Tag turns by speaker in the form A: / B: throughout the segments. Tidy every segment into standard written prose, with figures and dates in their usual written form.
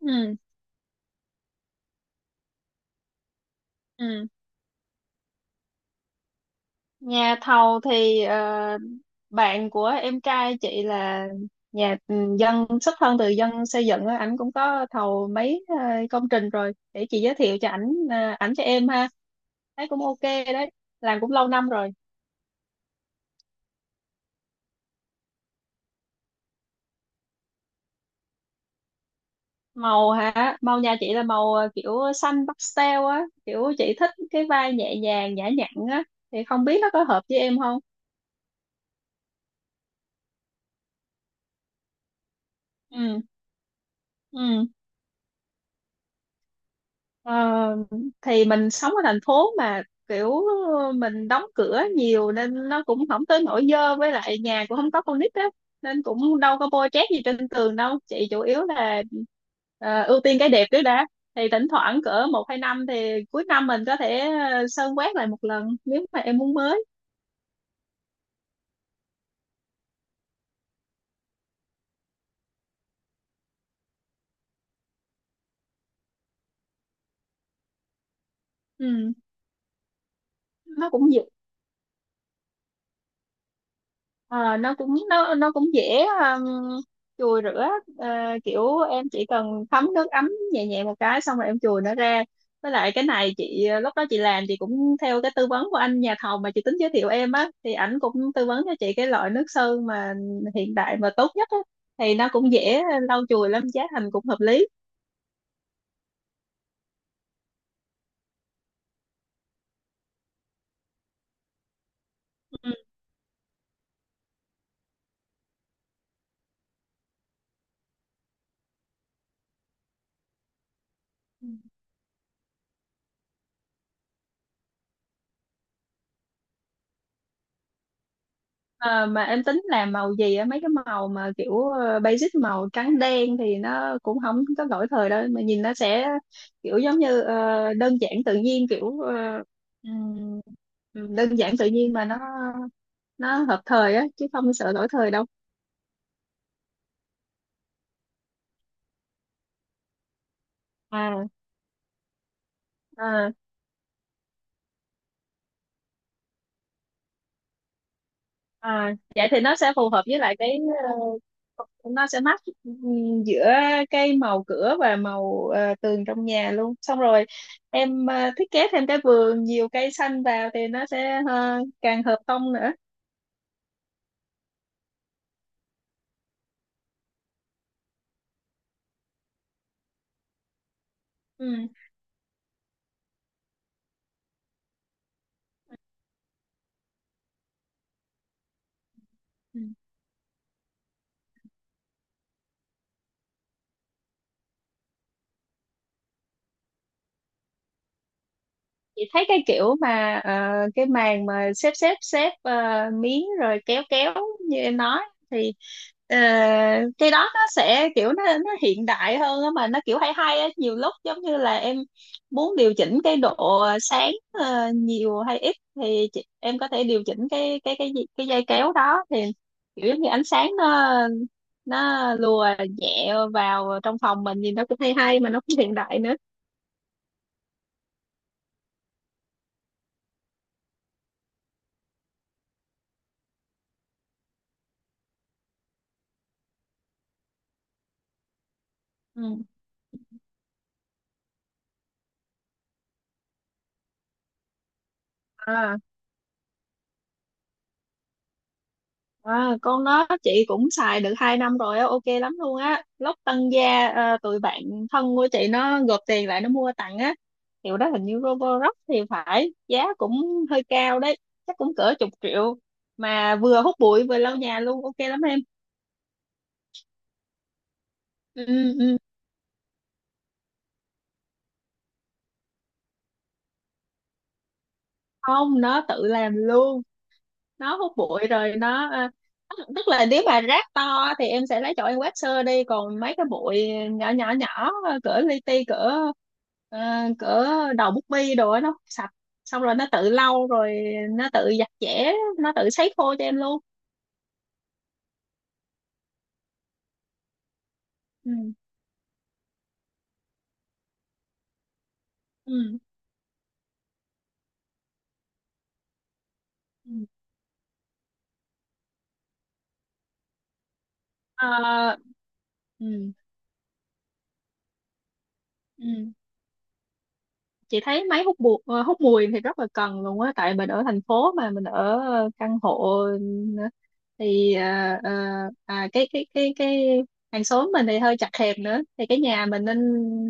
A: Ừ. Ừ. Nhà thầu thì bạn của em trai chị là nhà dân, xuất thân từ dân xây dựng á, ảnh cũng có thầu mấy công trình rồi, để chị giới thiệu cho ảnh, ảnh cho em ha. Thấy cũng ok đấy, làm cũng lâu năm rồi. Màu hả? Màu nhà chị là màu kiểu xanh pastel á, kiểu chị thích cái vai nhẹ nhàng nhã nhặn á, thì không biết nó có hợp với em không. Ừ. Ừ. Ờ, thì mình sống ở thành phố mà, kiểu mình đóng cửa nhiều nên nó cũng không tới nỗi dơ, với lại nhà cũng không có con nít á, nên cũng đâu có bôi trét gì trên tường đâu chị, chủ yếu là ưu tiên cái đẹp trước đã. Thì thỉnh thoảng cỡ 1 2 năm thì cuối năm mình có thể sơn quét lại một lần nếu mà em muốn mới. Ừ. Nó cũng dễ. Ờ, nó cũng nó cũng dễ chùi rửa. Ờ, Kiểu em chỉ cần thấm nước ấm nhẹ nhẹ một cái xong rồi em chùi nó ra. Với lại cái này chị lúc đó chị làm, chị cũng theo cái tư vấn của anh nhà thầu mà chị tính giới thiệu em á, thì ảnh cũng tư vấn cho chị cái loại nước sơn mà hiện đại mà tốt nhất á, thì nó cũng dễ lau chùi lắm, giá thành cũng hợp lý. Ừ. Ờ, mà em tính làm màu gì á? Mấy cái màu mà kiểu basic, màu trắng đen thì nó cũng không có lỗi thời đâu, mà nhìn nó sẽ kiểu giống như đơn giản tự nhiên, kiểu ừm, đơn giản tự nhiên mà nó hợp thời á chứ không sợ lỗi thời đâu. À, à. À, vậy thì nó sẽ phù hợp với lại cái ờ, nó sẽ match, giữa cái màu cửa và màu tường trong nhà luôn. Xong rồi em thiết kế thêm cái vườn nhiều cây xanh vào thì nó sẽ càng hợp tông nữa. Ừ. Ừ. Chị thấy cái kiểu mà cái màn mà xếp xếp xếp miếng rồi kéo kéo như em nói, thì ờ, cái đó nó sẽ kiểu nó hiện đại hơn á, mà nó kiểu hay hay á, nhiều lúc giống như là em muốn điều chỉnh cái độ sáng nhiều hay ít, thì em có thể điều chỉnh cái dây kéo đó, thì kiểu giống như ánh sáng nó lùa nhẹ vào trong phòng mình, nhìn nó cũng hay hay mà nó cũng hiện đại nữa. Ừ. À, con đó chị cũng xài được 2 năm rồi á, ok lắm luôn á. Lúc tăng gia tụi bạn thân của chị nó gộp tiền lại nó mua tặng á. Hiệu đó hình như Roborock thì phải, giá cũng hơi cao đấy, chắc cũng cỡ chục triệu, mà vừa hút bụi vừa lau nhà luôn, ok lắm em. Ừ. Ừ. Không, nó tự làm luôn. Nó hút bụi rồi nó, tức là nếu mà rác to thì em sẽ lấy chỗ em quét sơ đi, còn mấy cái bụi nhỏ nhỏ nhỏ cỡ li ti, ờ, cỡ đầu bút bi đồ á, nó hút sạch, xong rồi nó tự lau rồi, nó tự giặt giẻ, nó tự sấy khô cho em luôn. Ừ. Ừ. Ừ. Ờ. Ừ. Ừ. Chị thấy máy hút bụi, hút mùi thì rất là cần luôn á, tại mình ở thành phố mà, mình ở căn hộ, ờ, thì cái hàng xóm mình thì hơi chật hẹp nữa, thì cái nhà mình nên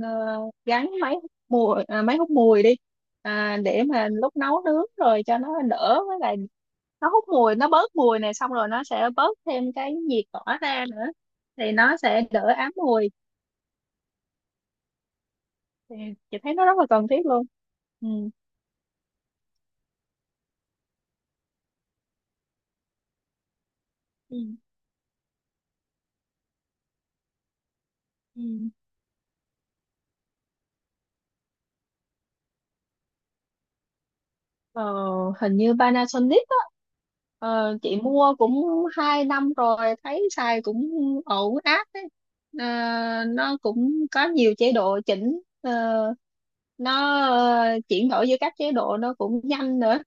A: ờ, gắn máy hút mùi, máy hút mùi đi, để mà lúc nấu nướng rồi cho nó đỡ, với lại nó hút mùi nó bớt mùi này, xong rồi nó sẽ bớt thêm cái nhiệt tỏa ra nữa, thì nó sẽ đỡ ám mùi, thì chị thấy nó rất là cần thiết luôn. Ừ. Ừ. Ừ. Ờ, Hình như Panasonic á. Chị mua cũng 2 năm rồi, thấy xài cũng ổn áp đấy. Ờ, nó cũng có nhiều chế độ chỉnh, nó ờ, chuyển đổi giữa các chế độ nó cũng nhanh nữa.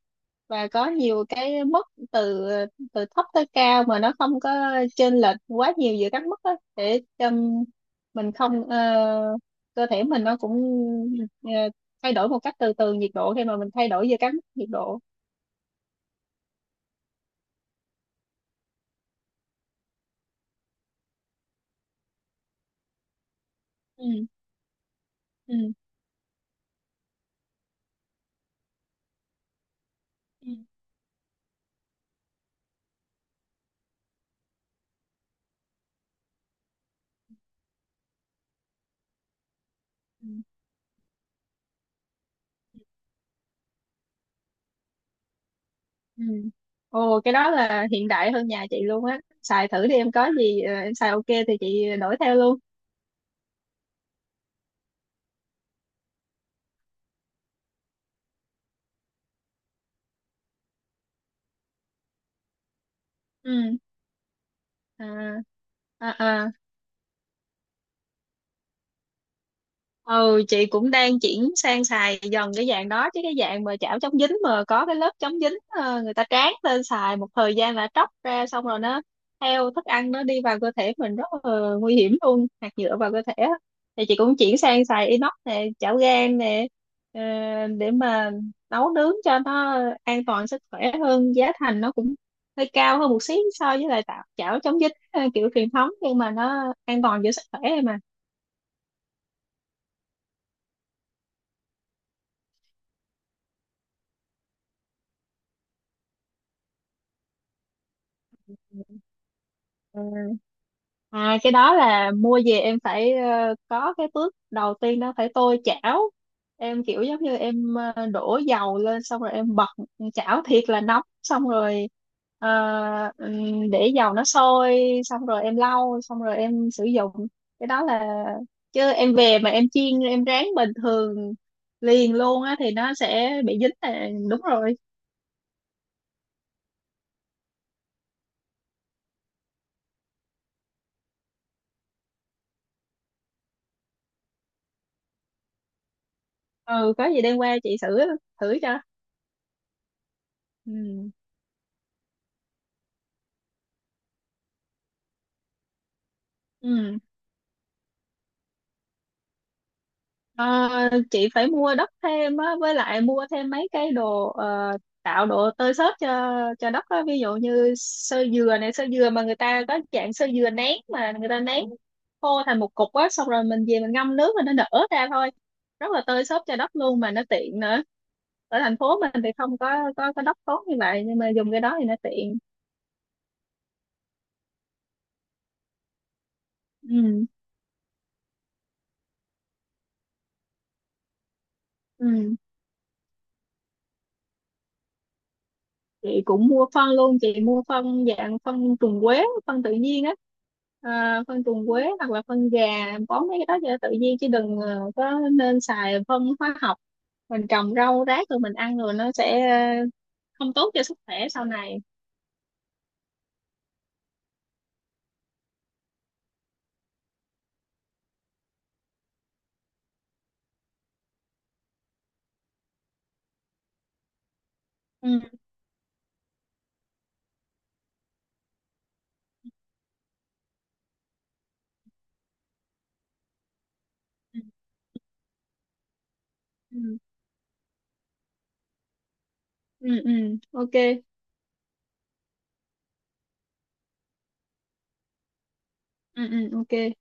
A: Và có nhiều cái mức từ từ thấp tới cao, mà nó không có chênh lệch quá nhiều giữa các mức á, để cho mình không cơ thể mình nó cũng ờ, thay đổi một cách từ từ nhiệt độ khi mà mình thay đổi giờ cắm nhiệt độ. Ừ. Ừ. Ừ. Ừ. Ừ. Ồ, cái đó là hiện đại hơn nhà chị luôn á, xài thử đi em, có gì em xài ok thì chị đổi theo luôn. Ừ. À. À. À. Ừ. Chị cũng đang chuyển sang xài dần cái dạng đó, chứ cái dạng mà chảo chống dính mà có cái lớp chống dính người ta tráng lên, xài một thời gian là tróc ra, xong rồi nó theo thức ăn nó đi vào cơ thể mình, rất là nguy hiểm luôn, hạt nhựa vào cơ thể á. Thì chị cũng chuyển sang xài inox nè, chảo gang nè, ờ, để mà nấu nướng cho nó an toàn sức khỏe hơn, giá thành nó cũng hơi cao hơn một xí so với lại tạo chảo chống dính, kiểu truyền thống, nhưng mà nó an toàn cho sức khỏe mà. Ừ. À, cái đó là mua về em phải có cái bước đầu tiên đó, phải tôi chảo. Em kiểu giống như em đổ dầu lên, xong rồi em bật chảo thiệt là nóng, xong rồi ờ, để dầu nó sôi, xong rồi em lau, xong rồi em sử dụng. Cái đó là, chứ em về mà em chiên em rán bình thường liền luôn á thì nó sẽ bị dính là đúng rồi. Ừ, có gì đem qua chị thử thử cho. Ừ. Ừ. Ờ, chị phải mua đất thêm á, với lại mua thêm mấy cái đồ, tạo độ tơi xốp cho đất á. Ví dụ như sơ dừa này, sơ dừa mà người ta có dạng sơ dừa nén, mà người ta nén khô thành một cục á, xong rồi mình về mình ngâm nước rồi nó nở ra thôi. Rất là tơi xốp cho đất luôn mà nó tiện nữa. Ở thành phố mình thì không có đất tốt như vậy, nhưng mà dùng cái đó thì nó tiện. Ừ. Ừ. Chị cũng mua phân luôn, chị mua phân dạng phân trùng quế, phân tự nhiên á. À, phân trùng quế hoặc là phân gà, bón mấy cái đó cho tự nhiên, chứ đừng có nên xài phân hóa học, mình trồng rau rác rồi mình ăn rồi nó sẽ ờ, không tốt cho sức khỏe sau này. Ừ. Ừ. Ừ. Ừ. Ừ, ok. Ừ. Ừ. Ok.